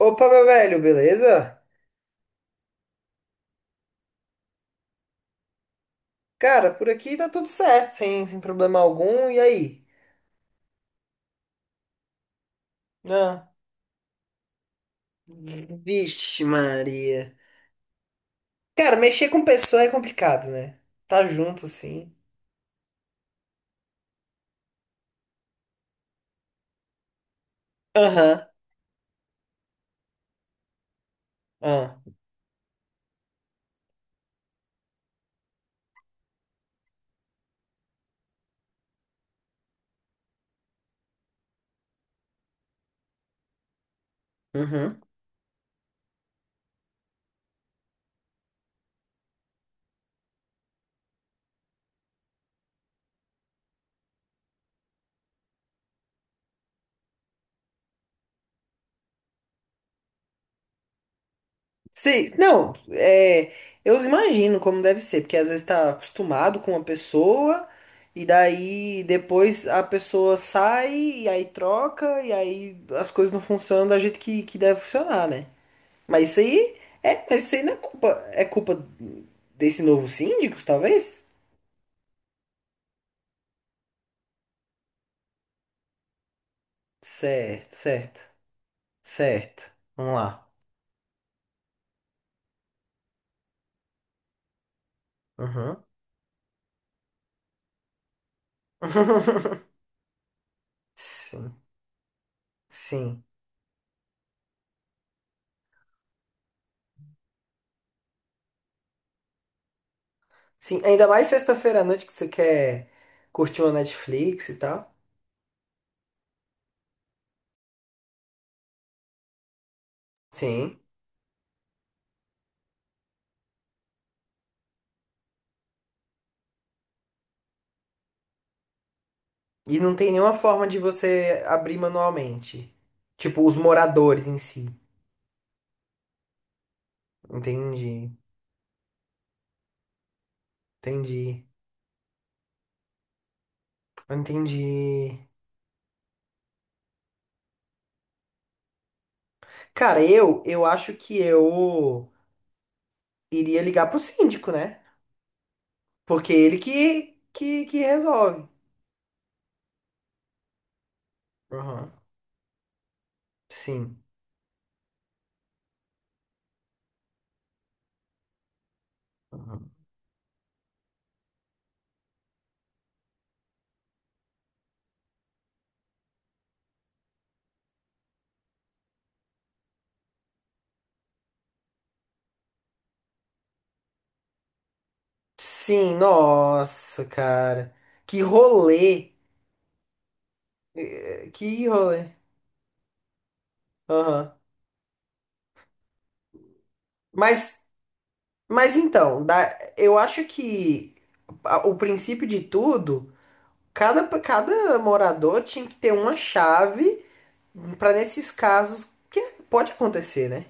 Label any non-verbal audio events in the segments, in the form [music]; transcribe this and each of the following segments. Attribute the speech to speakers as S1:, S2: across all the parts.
S1: Opa, meu velho, beleza? Cara, por aqui tá tudo certo, sem problema algum. E aí? Ah, vixe, Maria. Cara, mexer com pessoa é complicado, né? Tá junto assim. Aham. Ah, uhum. Sim, não, é, eu imagino como deve ser, porque às vezes tá acostumado com uma pessoa, e daí depois a pessoa sai, e aí troca, e aí as coisas não funcionam da jeito que deve funcionar, né? Mas isso aí é, mas isso aí não é culpa, é culpa desse novo síndicos, talvez? Certo, certo, certo. Vamos lá. Uhum. [laughs] Sim, sim. Sim, ainda mais sexta-feira à noite que você quer curtir uma Netflix e tal. Sim. E não tem nenhuma forma de você abrir manualmente. Tipo, os moradores em si. Entendi, entendi, entendi. Cara, eu acho que eu iria ligar pro síndico, né? Porque ele que resolve. Aham. Sim. Aham. Sim, nossa, cara. Que rolê. Que rolê. Aham. Mas, mas então, da, eu acho que o princípio de tudo, cada morador tinha que ter uma chave para nesses casos, que pode acontecer, né?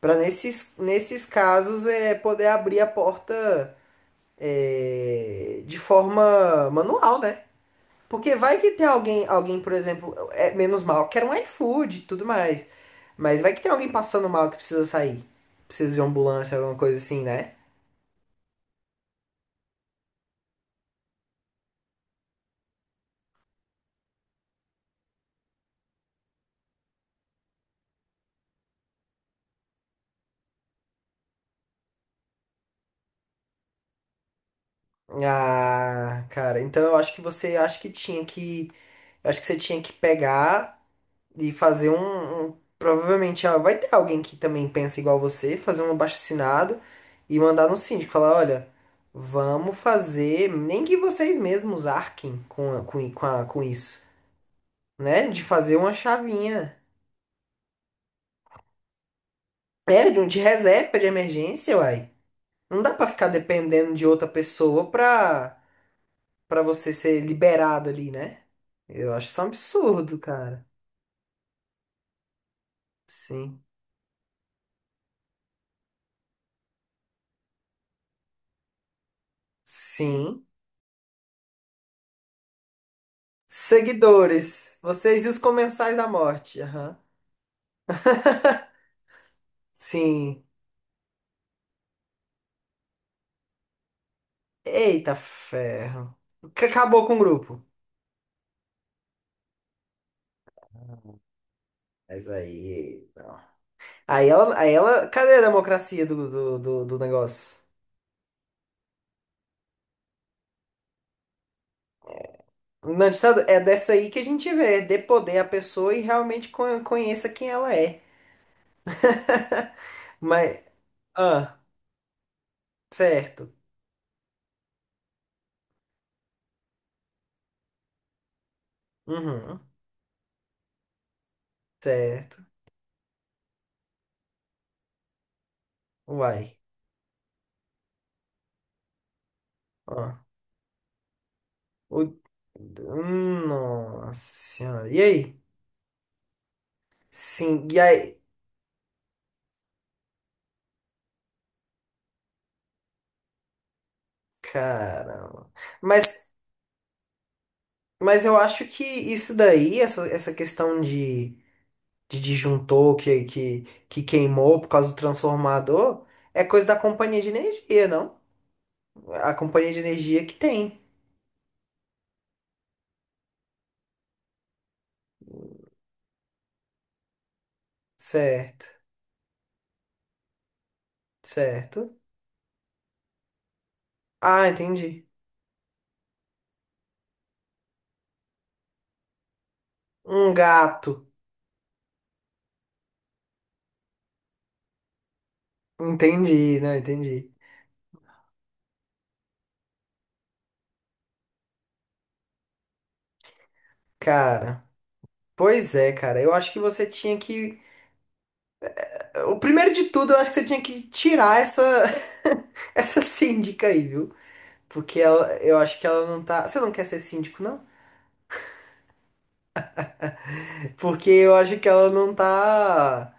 S1: Para nesses casos é poder abrir a porta é, de forma manual, né? Porque vai que tem alguém, por exemplo, é menos mal, quer um iFood e tudo mais. Mas vai que tem alguém passando mal que precisa sair. Precisa de uma ambulância, alguma coisa assim, né? Ah, cara, então eu acho que você acho que tinha que. Eu acho que você tinha que pegar e fazer um, provavelmente vai ter alguém que também pensa igual você, fazer um abaixo e mandar no síndico, falar, olha, vamos fazer. Nem que vocês mesmos arquem com, a- com, i- com, a- com isso. Né? De fazer uma chavinha. É, de um de reserva de emergência, uai. Não dá pra ficar dependendo de outra pessoa pra você ser liberado ali, né? Eu acho isso um absurdo, cara. Sim. Sim. Seguidores, vocês e os comensais da morte. Aham. Sim. Eita ferro. Que acabou com o grupo. Mas aí. Não. Aí ela. Cadê a democracia do negócio? Na ditadura. É dessa aí que a gente vê, dê poder à pessoa e realmente conheça quem ela é. [laughs] Mas, ah, certo. Uhum, certo. Uai. Ó. O- Nossa senhora. E aí? Sim, e aí? Caramba. Mas, mas eu acho que isso daí, essa questão de disjuntor que queimou por causa do transformador, é coisa da companhia de energia, não? A companhia de energia que tem. Certo, certo. Ah, entendi. Um gato. Entendi, não, entendi. Cara, pois é, cara. Eu acho que você tinha que. O primeiro de tudo, eu acho que você tinha que tirar essa [laughs] essa síndica aí, viu? Porque ela, eu acho que ela não tá. Você não quer ser síndico, não? Porque eu acho que ela não tá.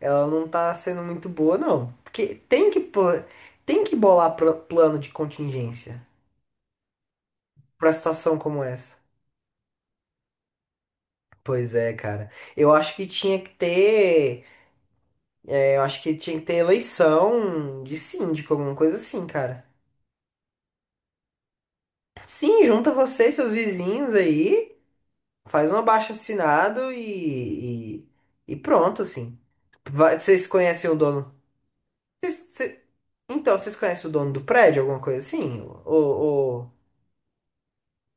S1: Ela não tá sendo muito boa, não. Porque tem que bolar plano de contingência pra situação como essa. Pois é, cara. Eu acho que tinha que ter. Eu acho que tinha que ter eleição de síndico, alguma coisa assim, cara. Sim, junta você e seus vizinhos aí, faz um abaixo-assinado e pronto, assim. Vocês conhecem o dono? Vocês- cê- então, vocês conhecem o dono do prédio, alguma coisa assim? Ou, ou,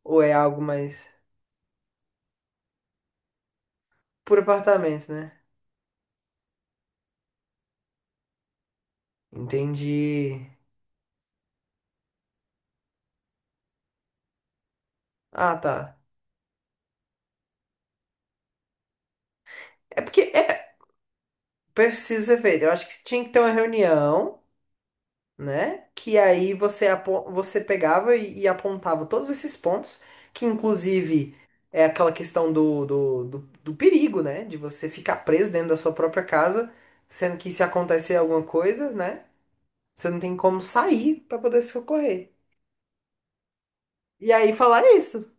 S1: ou é algo mais por apartamento, né? Entendi. Ah, tá. É porque precisa ser feito. Eu acho que tinha que ter uma reunião. Né? Que aí você pegava e, apontava todos esses pontos, que inclusive é aquela questão do perigo, né? De você ficar preso dentro da sua própria casa, sendo que se acontecer alguma coisa, né? Você não tem como sair para poder se socorrer. E aí falar isso.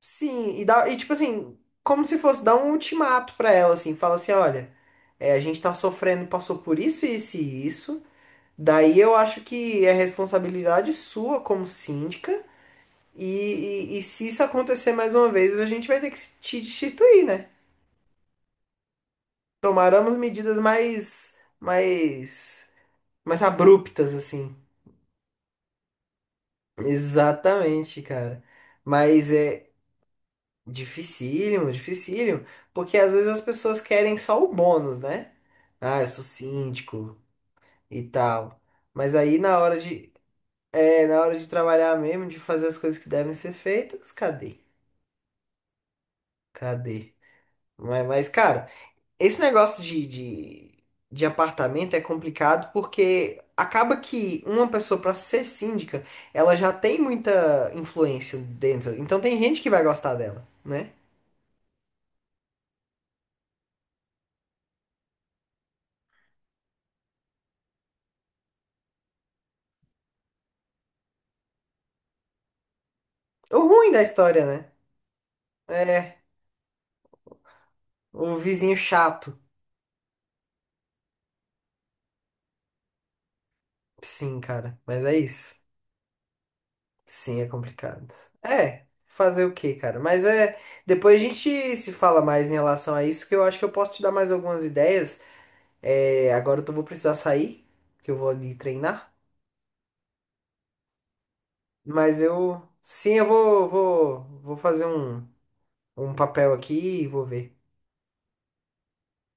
S1: Sim, e, dá, e tipo assim, como se fosse dar um ultimato para ela, assim, fala assim, olha, a gente tá sofrendo, passou por isso, isso e isso. Daí eu acho que é responsabilidade sua como síndica. E, e se isso acontecer mais uma vez, a gente vai ter que te destituir, né? Tomaremos medidas mais, mais, mais abruptas, assim. Exatamente, cara. Mas é dificílimo, dificílimo, porque às vezes as pessoas querem só o bônus, né? Ah, eu sou síndico e tal. Mas aí na hora de trabalhar mesmo, de fazer as coisas que devem ser feitas, cadê? Cadê? Mas, cara, esse negócio de apartamento é complicado porque acaba que uma pessoa, pra ser síndica, ela já tem muita influência dentro. Então tem gente que vai gostar dela, né? O ruim da história, né? É, o vizinho chato. Sim, cara, mas é isso. Sim, é complicado. É, fazer o quê, cara? Mas é. Depois a gente se fala mais em relação a isso, que eu acho que eu posso te dar mais algumas ideias. É, agora eu vou precisar sair, que eu vou ali treinar. Mas eu, sim, eu vou fazer um papel aqui e vou ver.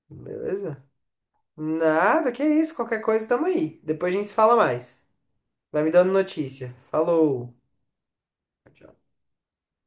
S1: Beleza? Nada, que isso, qualquer coisa tamo aí. Depois a gente se fala mais. Vai me dando notícia. Falou. Tchau.